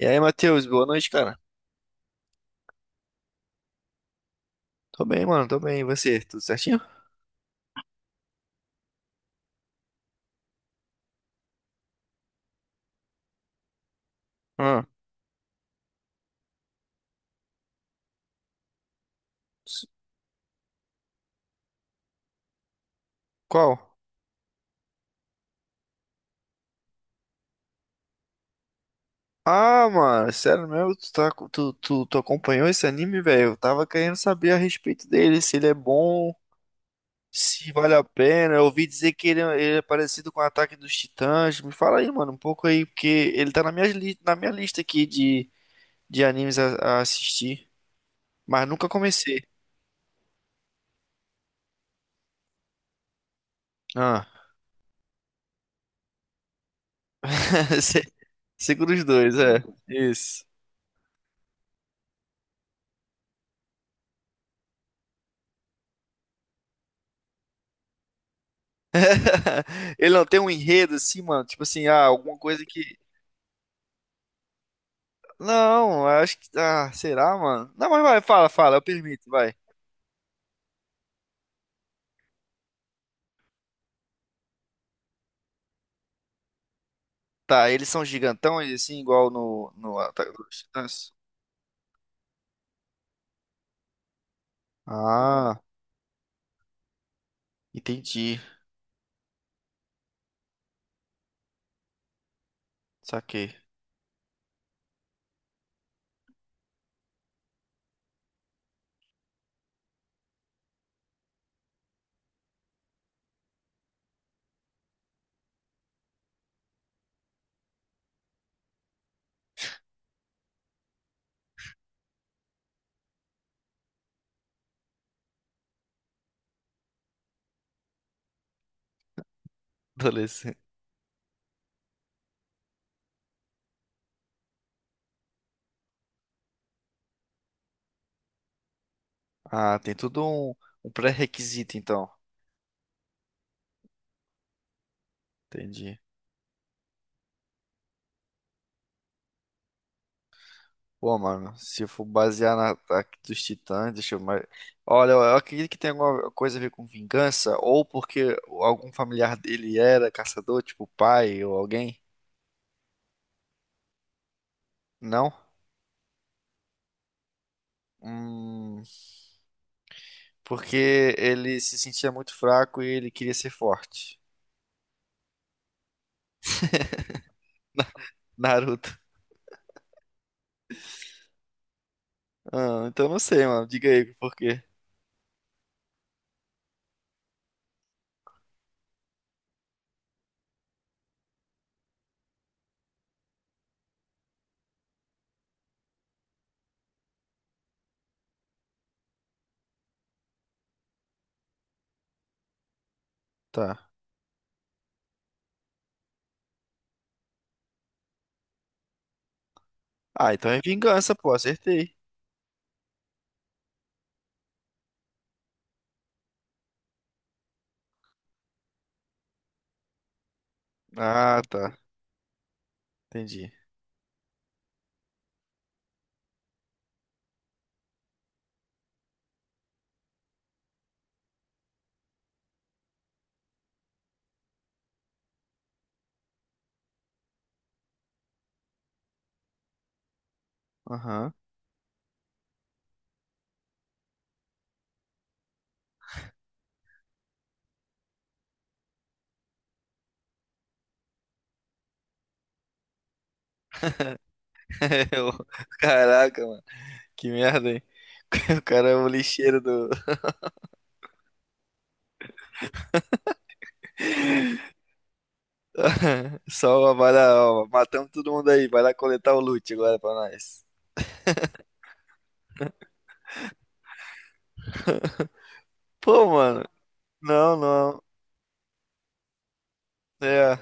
E aí, Matheus, boa noite, cara. Tô bem, mano, tô bem. E você? Tudo certinho? Ah, s- qual? Ah, mano, sério mesmo? Tu, tá, co- tu, tu, tu acompanhou esse anime, velho? Eu tava querendo saber a respeito dele, se ele é bom, se vale a pena. Eu ouvi dizer que ele é parecido com o Ataque dos Titãs. Me fala aí, mano, um pouco aí, porque ele tá na minha lista aqui de animes a assistir, mas nunca comecei. Ah, se- segura os dois, é. Isso. Ele não tem um enredo assim, mano. Tipo assim, alguma coisa que. Não, eu acho que. Ah, será, mano? Não, mas vai, fala, fala, eu permito, vai. Tá, eles são gigantões, assim, igual no Ataque dos Titãs? Ah, entendi. Saquei. Adolescente. Ah, tem tudo um pré-requisito, então. Entendi. Pô, mano, se eu for basear na Ataque dos Titãs, deixa eu mais. Olha, eu acredito que tem alguma coisa a ver com vingança, ou porque algum familiar dele era caçador, tipo o pai ou alguém. Não? Hum, porque ele se sentia muito fraco e ele queria ser forte. Naruto. Ah, então não sei, mano. Diga aí por quê. Tá. Ah, então é vingança, pô, acertei. Ah, tá. Entendi. Aham. Eu- Caraca, mano. Que merda, hein? O cara é o lixeiro do. Só vai lá, ó, matamos todo mundo aí, vai lá coletar o loot agora pra nós. Pô, mano, não, não. É.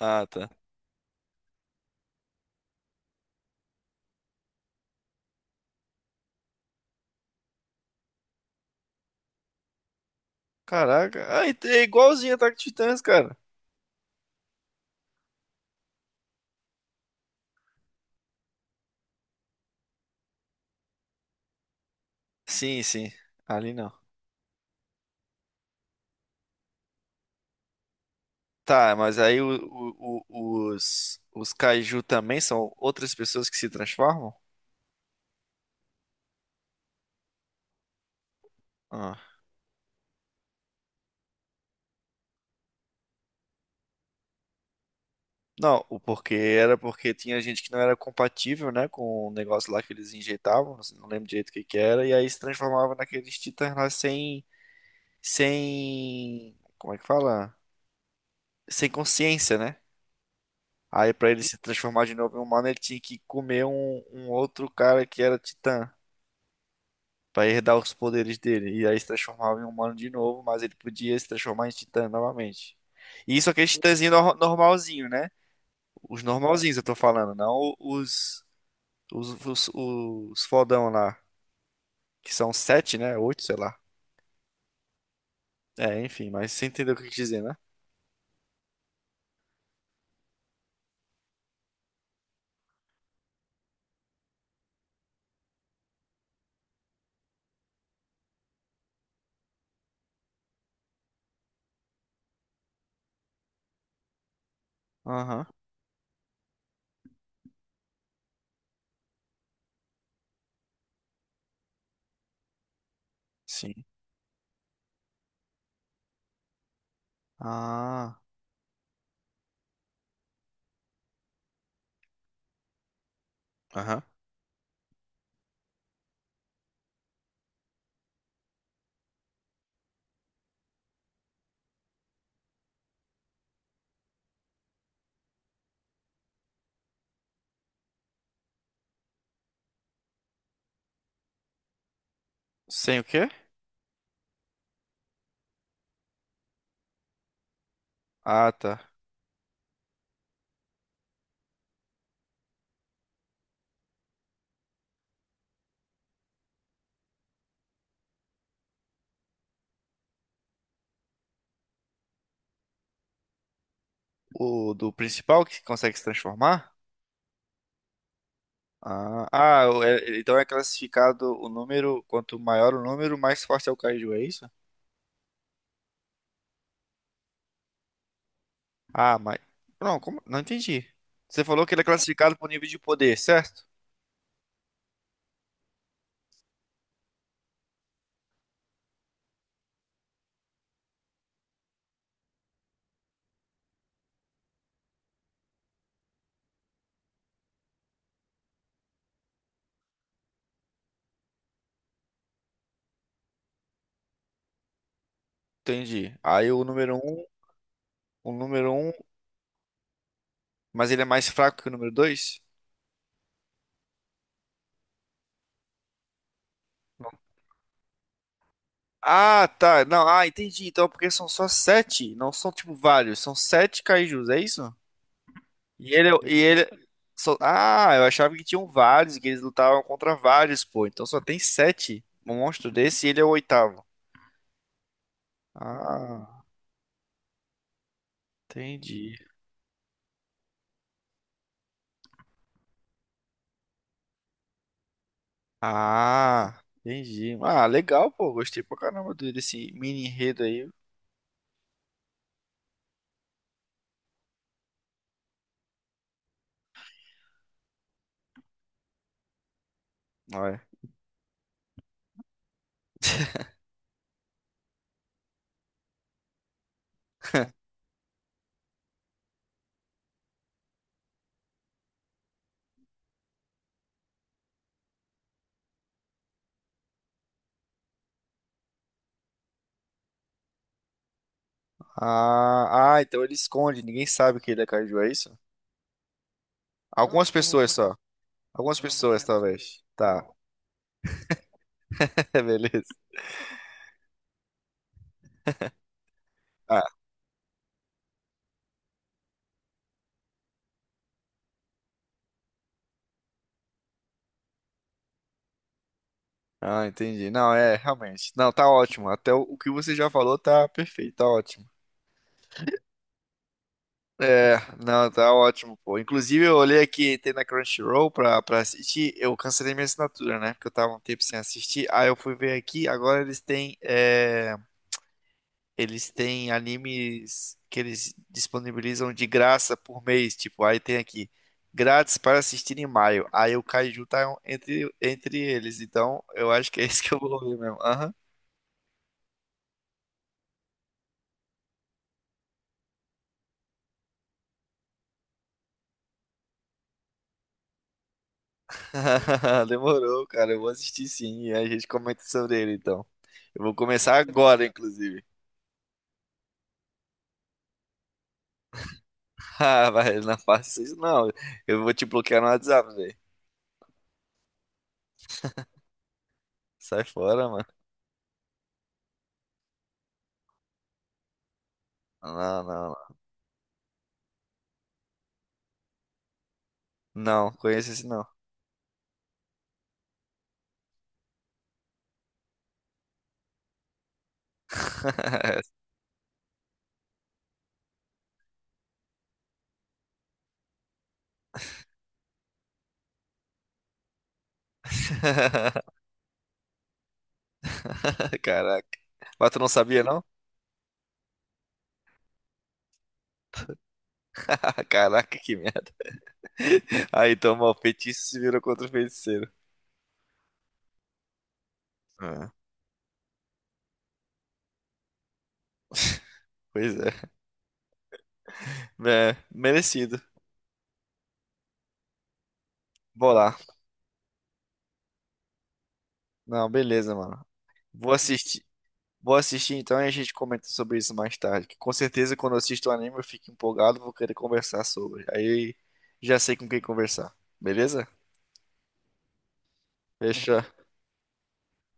Ah, tá. Caraca, é igualzinho Ataque de Titãs, cara. Sim, sim, ali não. Tá, mas aí os Kaiju também são outras pessoas que se transformam? Ah. Não, o porquê era porque tinha gente que não era compatível, né, com o negócio lá que eles injetavam, não lembro direito o que que era, e aí se transformava naqueles titãs lá sem, como é que fala? Sem consciência, né? Aí pra ele se transformar de novo em humano, ele tinha que comer um outro cara que era titã, pra herdar os poderes dele, e aí se transformava em humano de novo, mas ele podia se transformar em titã novamente. E isso aqueles titãzinho normalzinho, né? Os normalzinhos eu tô falando, não os os fodão lá, que são sete, né? Oito, sei lá. É, enfim, mas você entendeu o que eu quis dizer, né? Aham, sim. Ah, aham. Sem o quê? Ah, tá. O do principal que consegue se transformar? Ah, então é classificado o número, quanto maior o número, mais forte é o Kaiju, é isso? Ah, mas. Não, como? Não entendi. Você falou que ele é classificado por nível de poder, certo? Entendi. Aí o número um, mas ele é mais fraco que o número dois. Ah, tá. Não, entendi. Então, é porque são só sete, não são tipo vários, são sete kaijus, é isso? E ele, e ele, eu achava que tinham vários, que eles lutavam contra vários, pô. Então só tem sete monstros desse e ele é o oitavo. Ah, entendi. Ah, entendi. Ah, legal, pô. Gostei pra caramba desse mini enredo aí. Ué. Ah, então ele esconde, ninguém sabe que ele é kaiju, é isso? Algumas pessoas só. Algumas pessoas, talvez. Tá, beleza. Ah, entendi. Não, é, realmente. Não, tá ótimo. Até o que você já falou tá perfeito, tá ótimo. É, não, tá ótimo, pô. Inclusive, eu olhei aqui, tem na Crunchyroll pra assistir. Eu cancelei minha assinatura, né? Porque eu tava um tempo sem assistir. Aí eu fui ver aqui, agora eles têm animes que eles disponibilizam de graça por mês. Tipo, aí tem aqui, grátis para assistir em maio. Aí o Kaiju tá entre eles. Então, eu acho que é isso que eu vou ver mesmo. Aham. Demorou, cara. Eu vou assistir sim e a gente comenta sobre ele então. Eu vou começar agora, inclusive. Ah, vai, não faça isso não. Eu vou te bloquear no WhatsApp, velho. Sai fora, mano. Não, não, não. Não, conheço esse não. Caraca. Mas tu não sabia, não? Caraca, que merda. Aí, então, mal, feitiço se virou contra o feiticeiro. Ah, pois é. É, merecido. Vou lá. Não, beleza, mano. Vou assistir. Vou assistir então e a gente comenta sobre isso mais tarde. Que com certeza quando eu assisto o anime eu fico empolgado, vou querer conversar sobre. Aí já sei com quem conversar. Beleza? Fechou.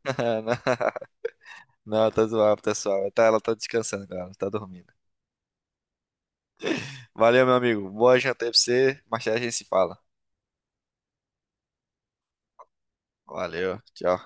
Não, tá zoado, pessoal. Tá, ela tá descansando, galera. Tá dormindo. Valeu, meu amigo. Boa janta aí pra você. Mais tarde a gente se fala. Valeu. Tchau.